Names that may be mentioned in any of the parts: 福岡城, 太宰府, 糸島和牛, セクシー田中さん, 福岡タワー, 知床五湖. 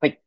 はい。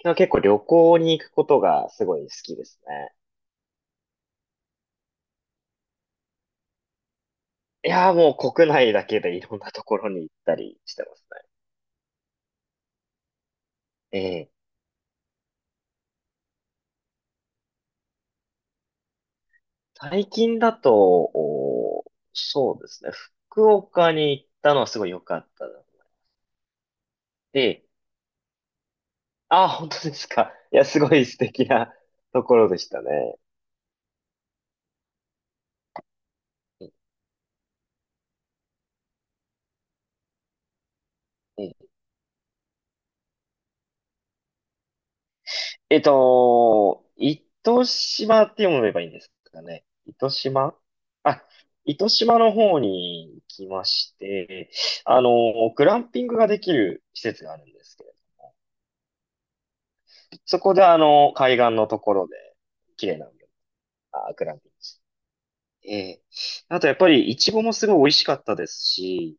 僕は結構旅行に行くことがすごい好きですね。いやーもう国内だけでいろんなところに行ったりしてますね。ええ、最近だと、そうですね。福岡に行ったのはすごい良かったので、あー、本当ですか。いや、すごい素敵なところでしたね。糸島って読めばいいんですかね。あ、糸島の方に行きまして、あの、グランピングができる施設があるんですけど、そこで海岸のところで、綺麗な海をグランピングして、あとやっぱり、イチゴもすごい美味しかったですし、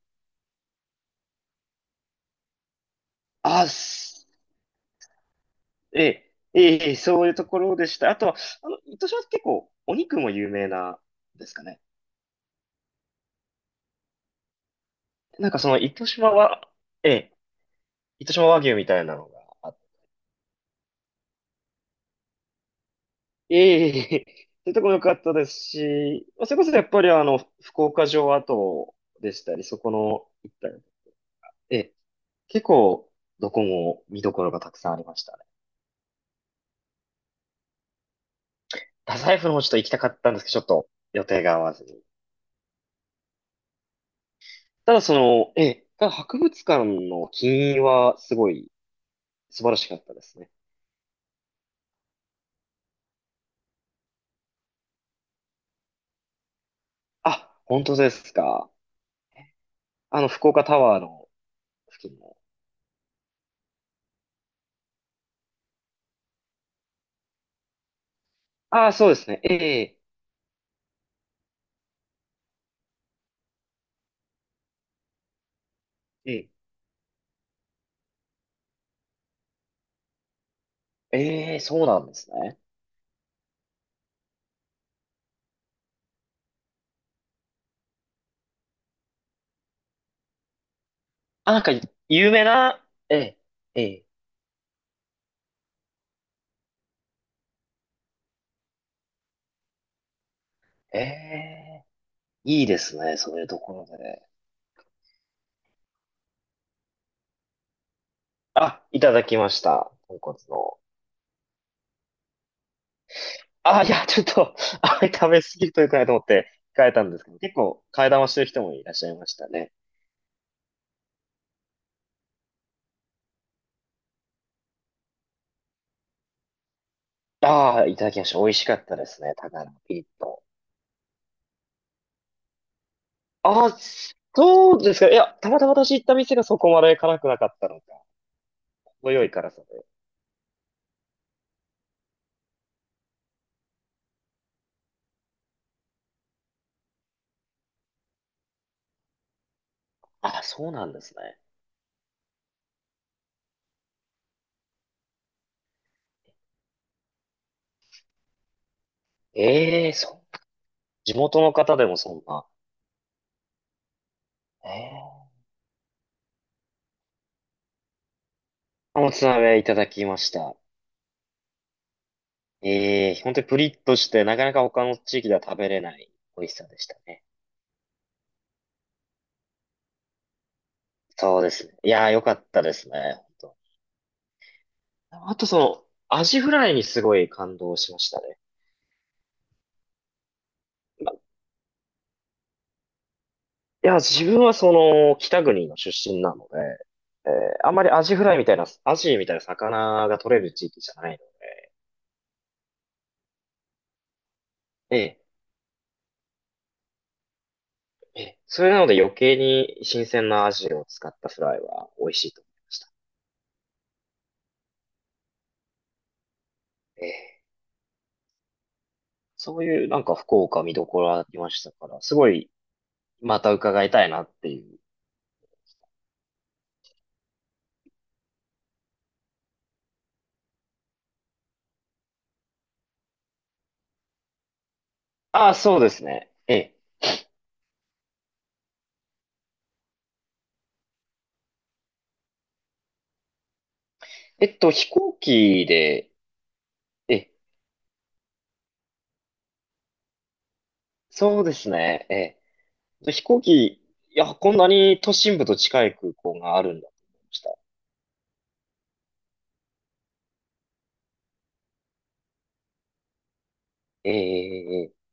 あ、すえー、えーそういうところでした。あとは、糸島って結構、お肉も有名なんですかね。なんかその糸島は、ええ、糸島和牛みたいなのがあって、そういうところ良かったですし、まあ、それこそやっぱり福岡城跡でしたり、そこの一帯、ええ、結構どこも見どころがたくさんありましたね。太宰府の方ちょっと行きたかったんですけど、ちょっと予定が合わずに。ただ博物館の金印はすごい素晴らしかったですね。あ、本当ですか。福岡タワーの付近の。ああ、そうですね。ええ、ええ、ええ、そうなんですね。あ、なんか、有名な、ええ、ええ、ええ、いいですね、そういうところで。あ、いただきました、豚骨の。あ、いや、ちょっと、あれ食べ過ぎるとよくないと思って控えたんですけど、結構、替え玉してる人もいらっしゃいましたね。ああ、いただきました。美味しかったですね、高菜のピリッと。あ、そうですか。いや、たまたま私行った店がそこまで辛くなかったのか。程よい辛さで。あ、そうなんですね。ええ、そう。地元の方でもそんな。ええ、おつ鍋いただきました。ええ、本当にプリッとして、なかなか他の地域では食べれない美味しさでしたね。そうですね。いやー、良かったですね。本当、あとアジフライにすごい感動しましたね。いや、自分は北国の出身なので、えーあんまりアジみたいな魚が取れる地域じゃないので、ええ、ええ、それなので余計に新鮮なアジを使ったフライは美味しいと思いました。ええ、そういうなんか福岡見どころありましたから、すごいまた伺いたいなっていう。ああ、そうですね。ええ。飛行機で、ええ、そうですね。ええ。飛行機、いや、こんなに都心部と近い空港があるんだと思いました。ええ、ええ、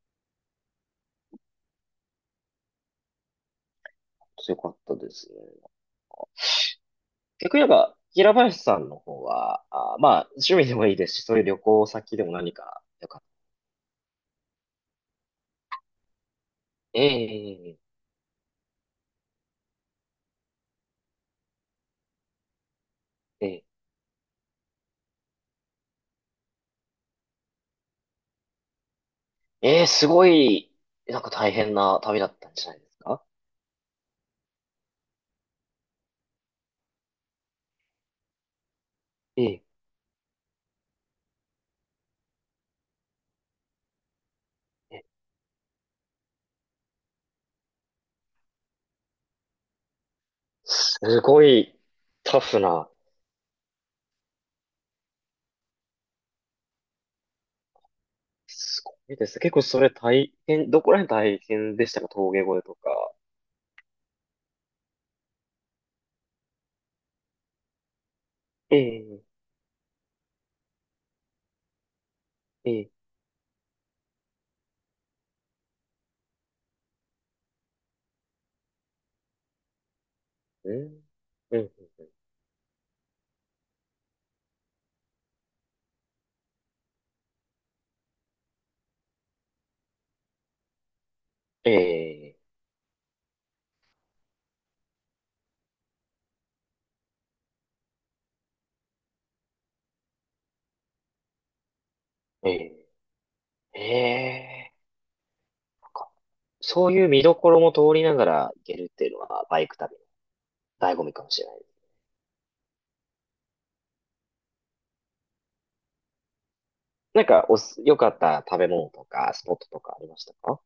強かったですね。逆に言えば、平林さんの方は、あ、まあ、趣味でもいいですし、そういう旅行先でも何かよかった。ええ、ええ、ええ、ええ、すごい、なんか大変な旅だったんじゃないですか？ええ、すごいタフな。すごいですね。結構それ大変、どこら辺大変でしたか？峠越えとか。ええ、ええ、うん、うん、ええ、ええ、ええ。なんかそういう見どころも通りながら行けるっていうのはバイク旅の醍醐味かもしれない。なんか良かった食べ物とかスポットとかありましたか？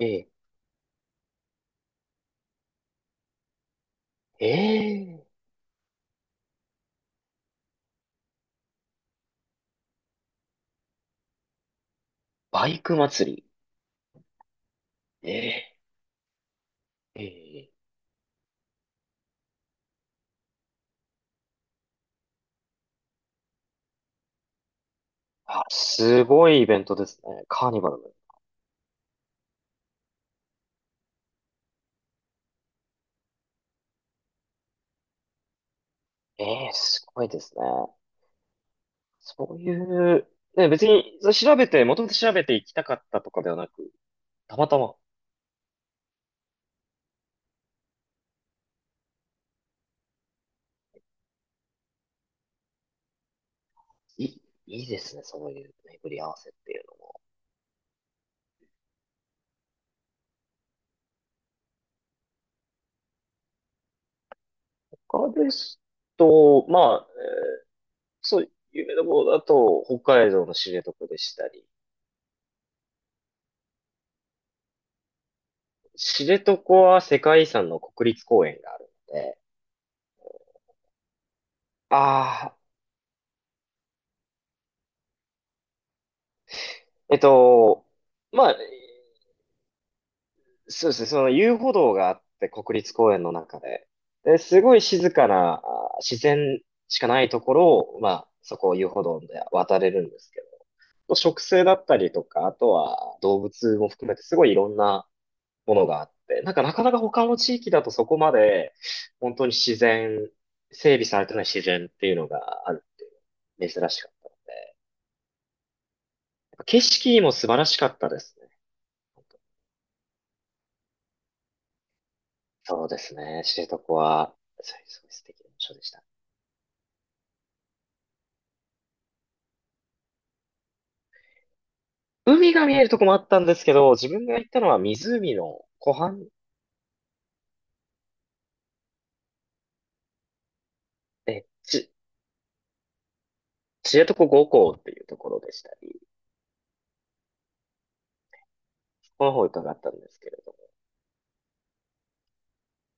ええ、ええ、バイク祭り。ええ、ええ。あ、すごいイベントですね。カーニバル？ええ、すごいですね。そういう、ね、別に、それ調べて、もともと調べていきたかったとかではなく、たまたま、いいですね、そういう巡り合わせっていうの。他ですと、まあ、そう、有名なものだと、北海道の知床でしたり、知床は世界遺産の国立公園があるので、ああ、えっと、まあ、そうですね、その遊歩道があって、国立公園の中で。で、すごい静かな、自然しかないところを、まあ、そこを遊歩道で渡れるんですけど、植生だったりとか、あとは動物も含めてすごいいろんなものがあって、なんかなかなか他の地域だとそこまで、本当に自然、整備されてない自然っていうのがあるっていう、珍しかったので、やっぱ景色も素晴らしかったですね。そうですね、知床は、そうそう、すごい素敵な場所でした。海が見えるとこもあったんですけど、自分が行ったのは湖の湖畔、え、ち、知床五湖っていうところでしたり、この方伺ったんですけれど。